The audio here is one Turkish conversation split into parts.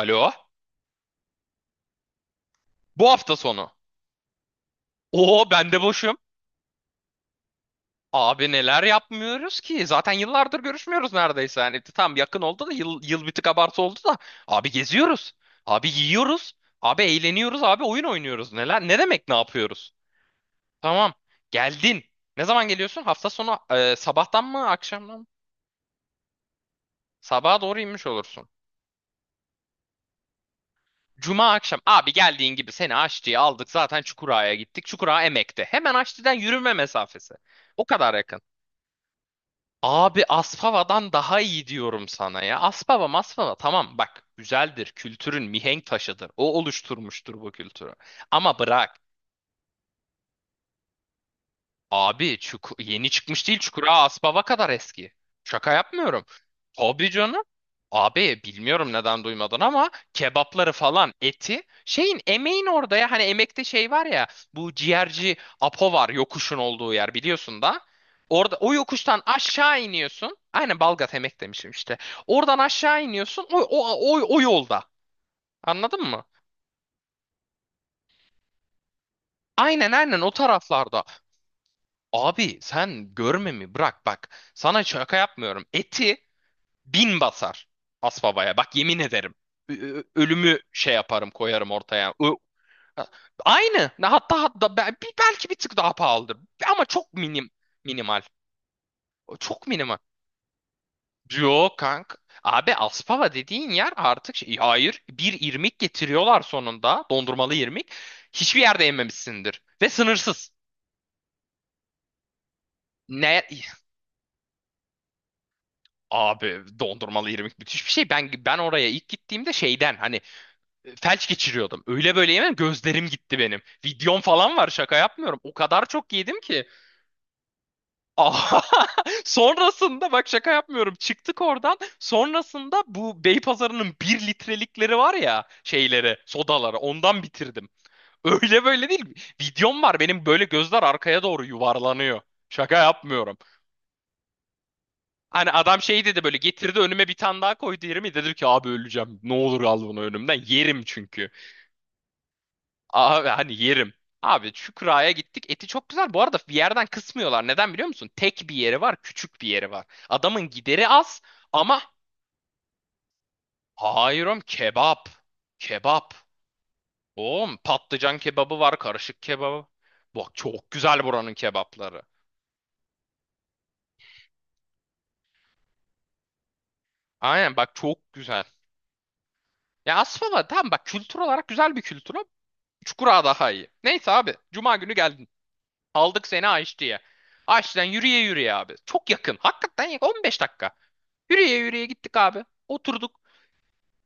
Alo? Bu hafta sonu. Oo ben de boşum. Abi neler yapmıyoruz ki? Zaten yıllardır görüşmüyoruz neredeyse. Yani tam yakın oldu da yıl, yıl bir tık abartı oldu da. Abi geziyoruz. Abi yiyoruz. Abi eğleniyoruz. Abi oyun oynuyoruz. Neler? Ne demek ne yapıyoruz? Tamam. Geldin. Ne zaman geliyorsun? Hafta sonu sabahtan mı akşamdan mı? Sabaha doğru inmiş olursun. Cuma akşam. Abi geldiğin gibi seni Aşçı'ya aldık. Zaten Çukurağa'ya gittik. Çukurağa Emek'te. Hemen Aşçı'dan yürüme mesafesi. O kadar yakın. Abi Aspava'dan daha iyi diyorum sana ya. Aspava, Maspava tamam bak güzeldir. Kültürün mihenk taşıdır. O oluşturmuştur bu kültürü. Ama bırak. Abi yeni çıkmış değil, Çukura Aspava kadar eski. Şaka yapmıyorum. Tabii canım. Abi bilmiyorum neden duymadın ama kebapları falan eti şeyin emeğin orada ya hani emekte şey var ya bu ciğerci Apo var yokuşun olduğu yer biliyorsun da. Orada o yokuştan aşağı iniyorsun. Aynen Balgat emek demişim işte. Oradan aşağı iniyorsun o yolda. Anladın mı? Aynen aynen o taraflarda. Abi sen görme mi bırak bak. Sana şaka yapmıyorum. Eti bin basar Asbaba'ya. Bak yemin ederim. Ölümü şey yaparım koyarım ortaya. Ö- Aynı. Ne, hatta, hatta belki bir tık daha pahalıdır. Ama çok minimal. Çok minimal. Yok kank. Abi Aspava dediğin yer artık şey, hayır bir irmik getiriyorlar sonunda, dondurmalı irmik. Hiçbir yerde yememişsindir ve sınırsız. Ne? Abi dondurmalı irmik müthiş bir şey. Ben oraya ilk gittiğimde şeyden hani felç geçiriyordum. Öyle böyle yemem, gözlerim gitti benim. Videom falan var, şaka yapmıyorum. O kadar çok yedim ki. Aha! Sonrasında bak şaka yapmıyorum. Çıktık oradan. Sonrasında bu Beypazarı'nın bir litrelikleri var ya, şeyleri, sodaları, ondan bitirdim. Öyle böyle değil. Videom var benim, böyle gözler arkaya doğru yuvarlanıyor. Şaka yapmıyorum. Hani adam şey dedi, böyle getirdi önüme, bir tane daha koydu yerime, dedim ki abi öleceğim, ne olur al bunu önümden, yerim çünkü. Abi hani yerim. Abi Şükra'ya gittik, eti çok güzel bu arada, bir yerden kısmıyorlar, neden biliyor musun? Tek bir yeri var, küçük bir yeri var. Adamın gideri az ama hayır oğlum, kebap. Oğlum patlıcan kebabı var, karışık kebabı. Bak çok güzel buranın kebapları. Aynen bak çok güzel. Ya aslında tamam bak, kültür olarak güzel bir kültür ama Çukura daha iyi. Neyse abi. Cuma günü geldik. Aldık seni Aşçı'ya. Aşçı'dan yürüye yürüye abi. Çok yakın. Hakikaten yakın. 15 dakika. Yürüye yürüye gittik abi. Oturduk.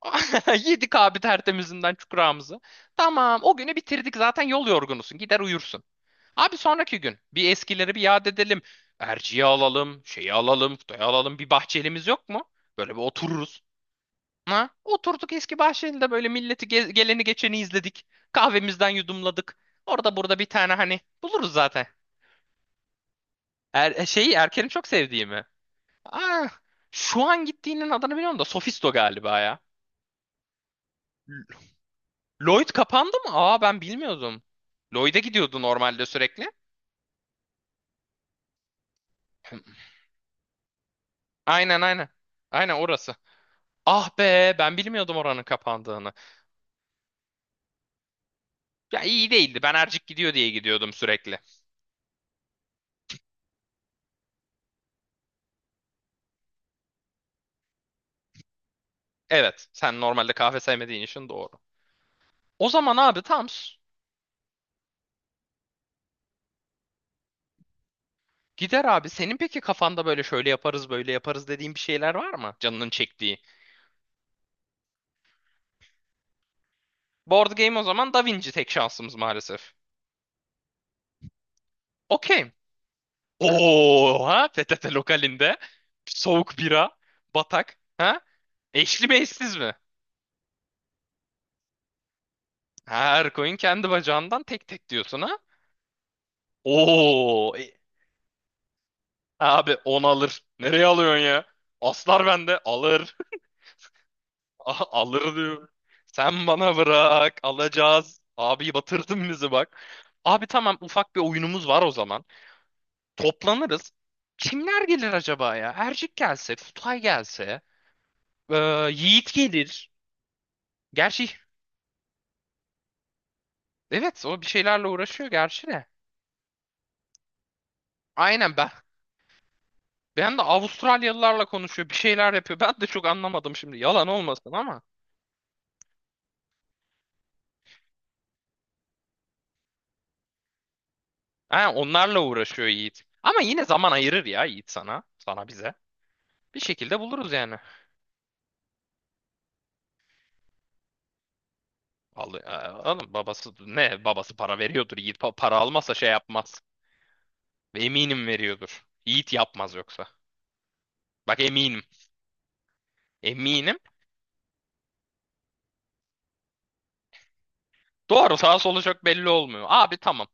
Yedik abi tertemizinden çukurağımızı. Tamam o günü bitirdik zaten, yol yorgunusun. Gider uyursun. Abi sonraki gün bir eskileri bir yad edelim. Erciye alalım, şeyi alalım, Kutay'ı alalım. Bir bahçelimiz yok mu? Böyle bir otururuz. Ha? Oturduk eski bahçelinde böyle milleti geleni geçeni izledik. Kahvemizden yudumladık. Orada burada bir tane hani buluruz zaten. Şeyi Erken'i çok sevdiğimi. Ah, şu an gittiğinin adını biliyorum da Sofisto galiba ya. L- Lloyd kapandı mı? Aa ben bilmiyordum. Lloyd'e gidiyordu normalde sürekli. Aynen aynen. Aynen orası. Ah be, ben bilmiyordum oranın kapandığını. Ya iyi değildi. Ben Ercik gidiyor diye gidiyordum sürekli. Evet, sen normalde kahve sevmediğin için doğru. O zaman abi tamam. Gider abi. Senin peki kafanda böyle şöyle yaparız böyle yaparız dediğin bir şeyler var mı? Canının çektiği. Board game o zaman, Da Vinci tek şansımız maalesef. Okeyim. Oha, PTT lokalinde soğuk bira, batak. Ha? Eşli mi eşsiz mi? Her koyun kendi bacağından tek tek diyorsun ha? Oo e- abi 10 alır. Nereye alıyorsun ya? Aslar bende alır. Alır diyor. Sen bana bırak, alacağız. Abi batırdın bizi bak. Abi tamam, ufak bir oyunumuz var o zaman. Toplanırız. Kimler gelir acaba ya? Ercik gelse, Kutay gelse, ee, Yiğit gelir. Gerçi evet, o bir şeylerle uğraşıyor gerçi de. Aynen ben. Ben de Avustralyalılarla konuşuyor, bir şeyler yapıyor. Ben de çok anlamadım şimdi yalan olmasın ama. Ha, onlarla uğraşıyor Yiğit. Ama yine zaman ayırır ya Yiğit sana. Sana, bize. Bir şekilde buluruz yani. Al, alın babası ne babası, para veriyordur Yiğit. Para almazsa şey yapmaz. Ve eminim veriyordur. Yiğit yapmaz yoksa. Bak eminim. Eminim. Doğru, sağ solu çok belli olmuyor. Abi tamam.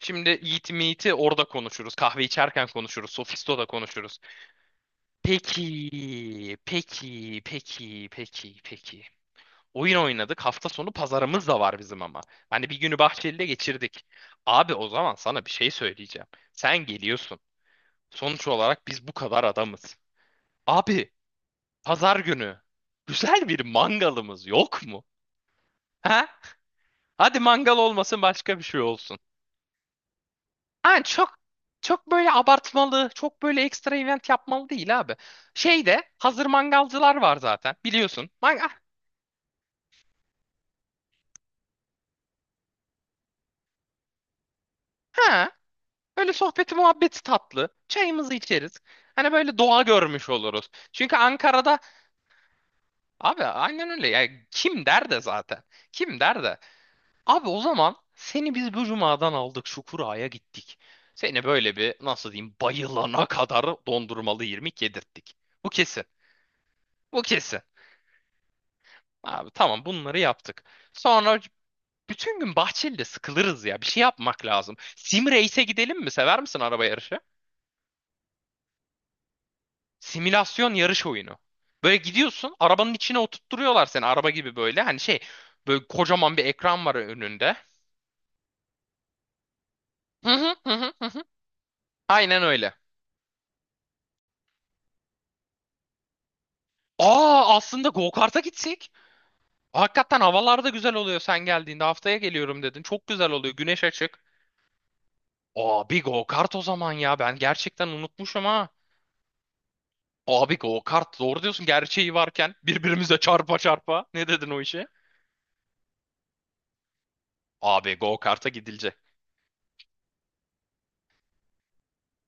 Şimdi Yiğit Meet'i orada konuşuruz. Kahve içerken konuşuruz. Sofisto'da konuşuruz. Peki, peki, peki, peki, peki. Oyun oynadık. Hafta sonu pazarımız da var bizim ama. Hani bir günü Bahçeli'de geçirdik. Abi o zaman sana bir şey söyleyeceğim. Sen geliyorsun. Sonuç olarak biz bu kadar adamız. Abi, pazar günü güzel bir mangalımız yok mu? Ha? Hadi mangal olmasın, başka bir şey olsun. Yani çok böyle abartmalı, çok böyle ekstra event yapmalı değil abi. Şeyde hazır mangalcılar var zaten biliyorsun. Mangal, ha, böyle sohbeti muhabbeti tatlı. Çayımızı içeriz. Hani böyle doğa görmüş oluruz. Çünkü Ankara'da abi aynen öyle. Yani kim der de zaten. Kim der de. Abi o zaman seni biz bu cumadan aldık, Şukura'ya gittik. Seni böyle bir, nasıl diyeyim, bayılana kadar dondurmalı irmik yedirttik. Bu kesin. Bu kesin. Abi tamam, bunları yaptık. Sonra bütün gün Bahçeli'de sıkılırız ya. Bir şey yapmak lazım. Sim Race'e gidelim mi? Sever misin araba yarışı? Simülasyon yarış oyunu. Böyle gidiyorsun, arabanın içine oturtturuyorlar seni, araba gibi böyle. Hani şey, böyle kocaman bir ekran var önünde. Hı hı. Aynen öyle. Aa, aslında go-kart'a gitsek. Hakikaten havalar da güzel oluyor sen geldiğinde. Haftaya geliyorum dedin. Çok güzel oluyor. Güneş açık. Aa, bir go-kart o zaman ya. Ben gerçekten unutmuşum ha. Abi go kart doğru diyorsun, gerçeği varken birbirimize çarpa çarpa. Ne dedin o işe? Abi go karta gidilecek.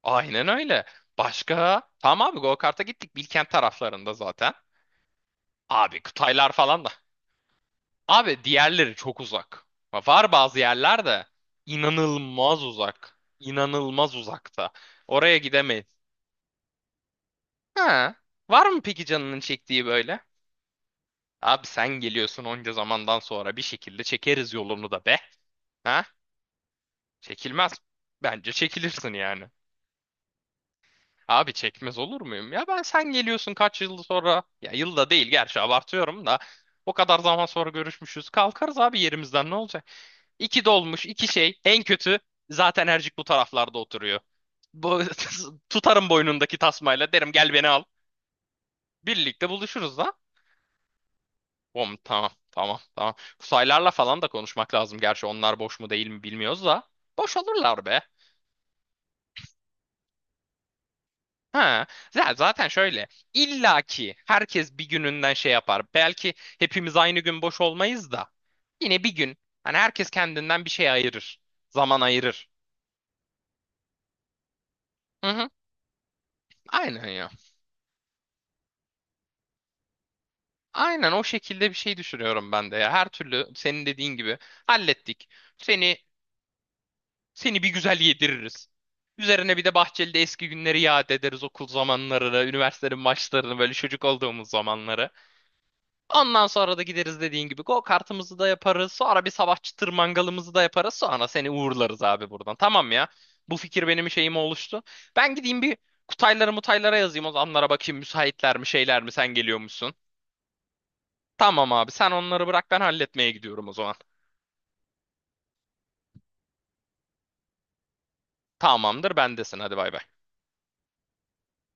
Aynen öyle. Başka? Tamam abi, go karta gittik Bilkent taraflarında zaten. Abi Kıtaylar falan da. Abi diğerleri çok uzak. Var bazı yerler de inanılmaz uzak. İnanılmaz uzakta. Oraya gidemeyiz. Ha, var mı peki canının çektiği böyle? Abi sen geliyorsun onca zamandan sonra, bir şekilde çekeriz yolunu da be. Ha? Çekilmez. Bence çekilirsin yani. Abi çekmez olur muyum? Ya ben, sen geliyorsun kaç yıl sonra. Ya yılda değil gerçi, abartıyorum da. O kadar zaman sonra görüşmüşüz. Kalkarız abi yerimizden ne olacak? İki dolmuş iki şey. En kötü zaten Ercik bu taraflarda oturuyor. Bu, tutarım boynundaki tasmayla, derim gel beni al. Birlikte buluşuruz da. Bom, tamam tamam tamam. Kusaylarla falan da konuşmak lazım. Gerçi onlar boş mu değil mi bilmiyoruz da. Boş olurlar be. Ha, ya zaten şöyle. İlla ki herkes bir gününden şey yapar. Belki hepimiz aynı gün boş olmayız da. Yine bir gün. Hani herkes kendinden bir şey ayırır. Zaman ayırır. Hı hı. Aynen ya. Aynen o şekilde bir şey düşünüyorum ben de ya. Her türlü senin dediğin gibi hallettik. Seni seni bir güzel yediririz. Üzerine bir de Bahçeli'de eski günleri yad ederiz, okul zamanlarını, üniversitenin maçlarını, böyle çocuk olduğumuz zamanları. Ondan sonra da gideriz dediğin gibi, go kartımızı da yaparız. Sonra bir sabah çıtır mangalımızı da yaparız. Sonra seni uğurlarız abi buradan. Tamam ya. Bu fikir benim şeyime oluştu. Ben gideyim bir Kutaylara mutaylara yazayım. O zamanlara bakayım müsaitler mi, şeyler mi, sen geliyormuşsun. Tamam abi, sen onları bırak, ben halletmeye gidiyorum o zaman. Tamamdır bendesin, hadi bay bay.